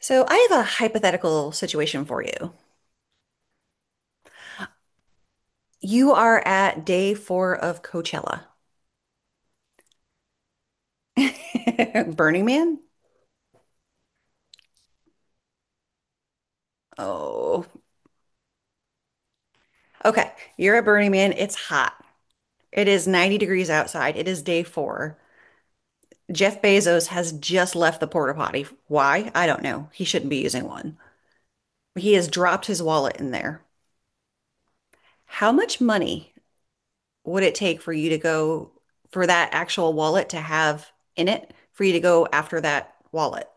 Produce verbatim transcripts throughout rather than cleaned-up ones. So I have a hypothetical situation for you. You are at day four of Coachella. Burning Man? Oh, okay. You're at Burning Man. It's hot. It is ninety degrees outside. It is day four. Jeff Bezos has just left the porta potty. Why? I don't know. He shouldn't be using one. He has dropped his wallet in there. How much money would it take for you to go, for that actual wallet to have in it for you to go after that wallet?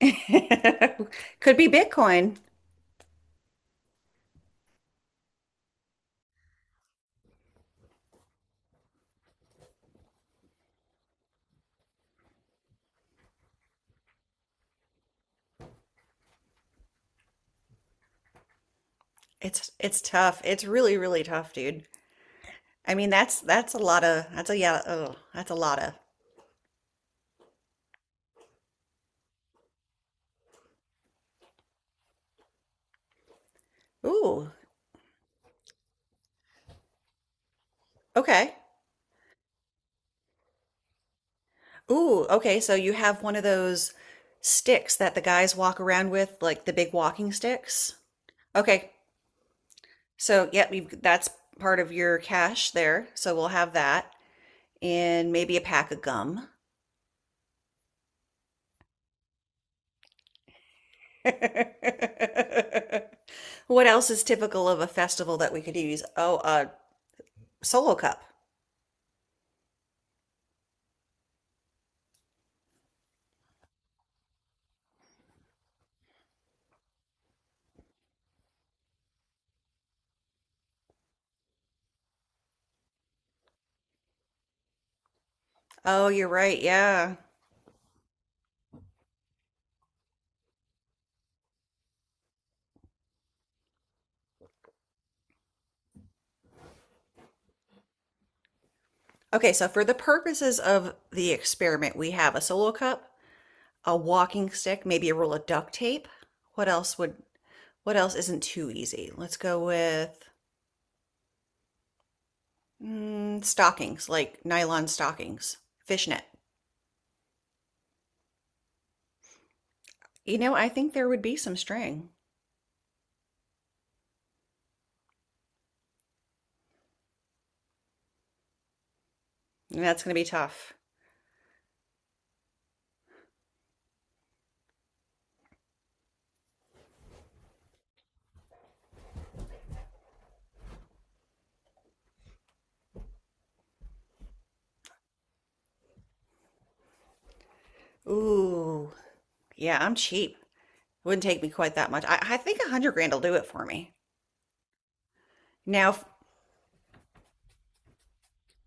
Could be Bitcoin. It's it's tough. It's really, really tough, dude. I mean, that's that's a lot of, that's a, yeah. Oh, that's a lot of. Ooh, okay. Ooh, okay. So you have one of those sticks that the guys walk around with, like the big walking sticks. Okay. So, yep, you've, that's part of your cash there. So we'll have that and maybe a pack of gum. What else is typical of a festival that we could use? Oh, a solo cup. Oh, you're right. Yeah. Okay, so for the purposes of the experiment, we have a solo cup, a walking stick, maybe a roll of duct tape. What else would, what else isn't too easy? Let's go with mm, stockings, like nylon stockings, fishnet. You know, I think there would be some string. That's going to be tough. Ooh, yeah, I'm cheap. Wouldn't take me quite that much. I, I think a hundred grand will do it for me. Now,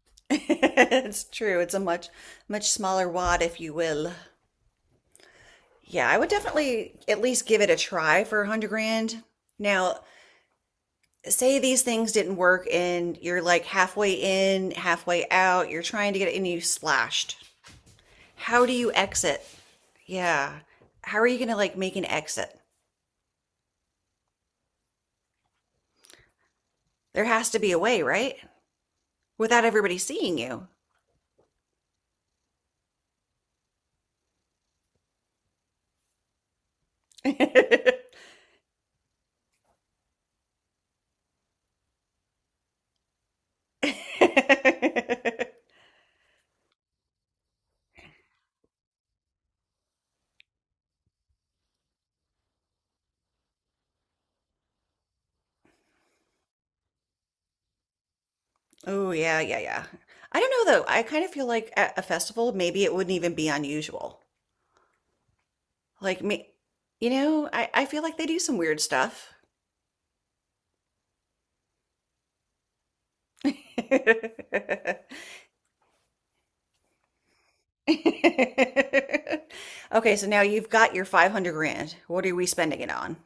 it's true. It's a much, much smaller wad, if you will. Yeah, I would definitely at least give it a try for a hundred grand. Now, say these things didn't work and you're like halfway in, halfway out, you're trying to get it and you splashed. How do you exit? Yeah. How are you gonna like make an exit? There has to be a way, right? Without everybody seeing you. Oh, yeah, yeah, yeah. I don't know though. I kind of feel like at a festival, maybe it wouldn't even be unusual. Like me, you know, I, I feel like they do some weird stuff. Okay, so now you've got your five hundred grand. What are we spending it on?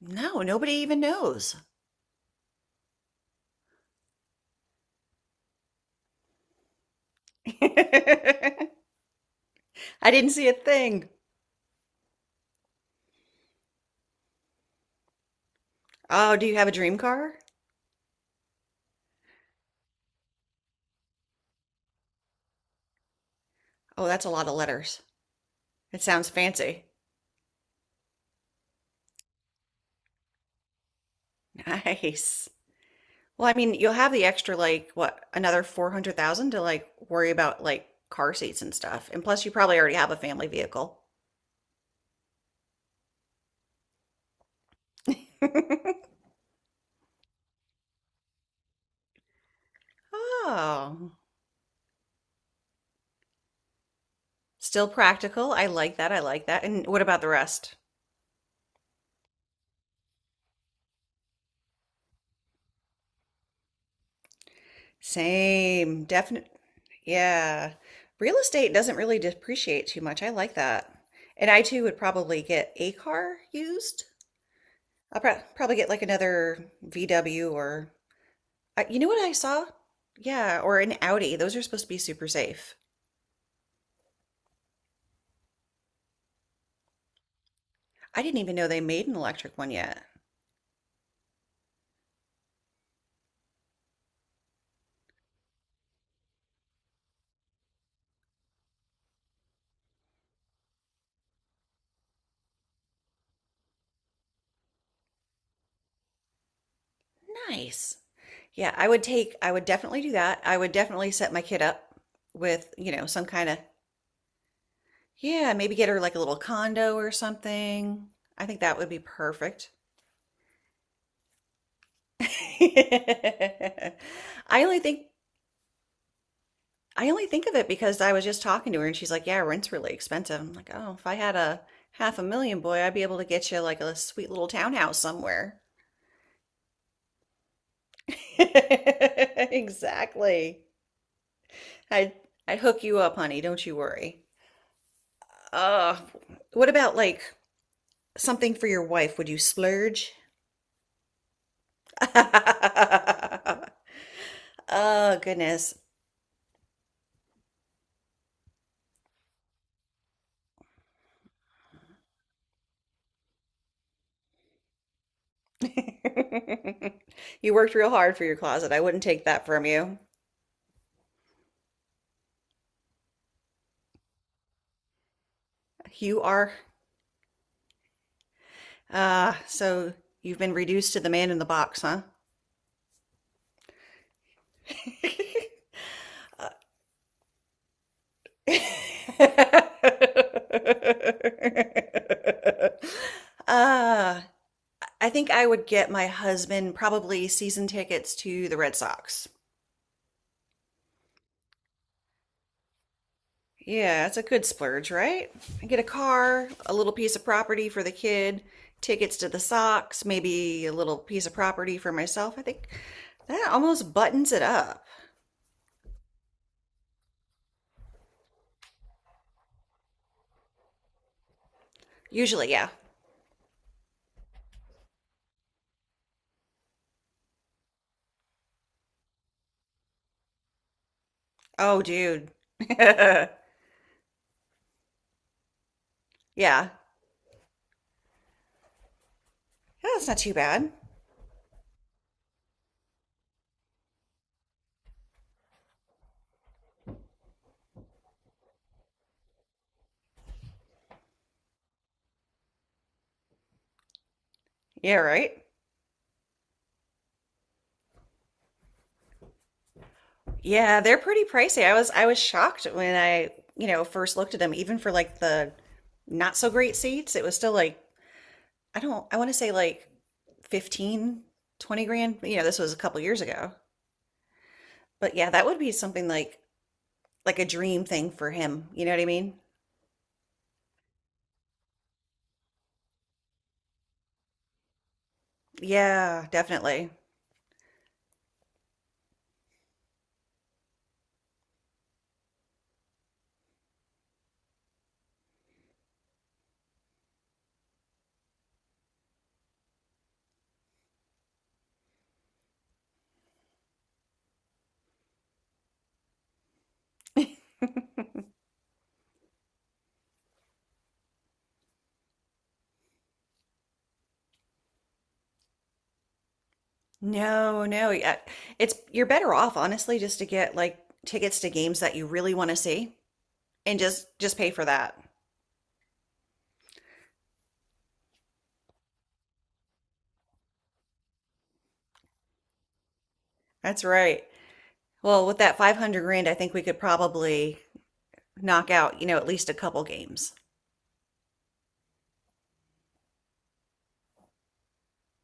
No, nobody even knows. I didn't see a thing. Oh, do you have a dream car? Oh, that's a lot of letters. It sounds fancy. Nice. Well, I mean, you'll have the extra, like, what, another four hundred thousand to, like, worry about, like, car seats and stuff. And plus, you probably already have a family vehicle. Oh, still practical. I like that. I like that. And what about the rest? Same, definite. Yeah. Real estate doesn't really depreciate too much. I like that. And I too would probably get a car used. I'll pro probably get like another V W or uh, you know what I saw? Yeah, or an Audi. Those are supposed to be super safe. I didn't even know they made an electric one yet. Nice. Yeah, I would take, I would definitely do that. I would definitely set my kid up with, you know, some kind of. Yeah, maybe get her like a little condo or something. I think that would be perfect. I only think I only think of it because I was just talking to her and she's like, "Yeah, rent's really expensive." I'm like, "Oh, if I had a half a million, boy, I'd be able to get you like a sweet little townhouse somewhere." Exactly. I'd I'd hook you up, honey. Don't you worry. Uh, what about like something for your wife? Would you splurge? Oh, goodness. You worked real hard for your closet. I wouldn't take that from you. You are, uh, so you've been reduced to the man in the box, huh? Uh, I think I would get my husband probably season tickets to the Red Sox. Yeah, it's a good splurge, right? I get a car, a little piece of property for the kid, tickets to the Sox, maybe a little piece of property for myself. I think that almost buttons it up. Usually, yeah. Oh, dude. Yeah. Yeah, that's not too bad. Yeah, right? Yeah, they're pretty pricey. I was I was shocked when I, you know, first looked at them, even for like the not so great seats, it was still like I don't, I want to say like fifteen, twenty grand. You know, this was a couple years ago. But yeah, that would be something like like a dream thing for him. You know what I mean? Yeah, definitely. No, no. Yeah. It's you're better off honestly just to get like tickets to games that you really want to see and just just pay for that. That's right. Well, with that five hundred grand, I think we could probably knock out, you know, at least a couple games.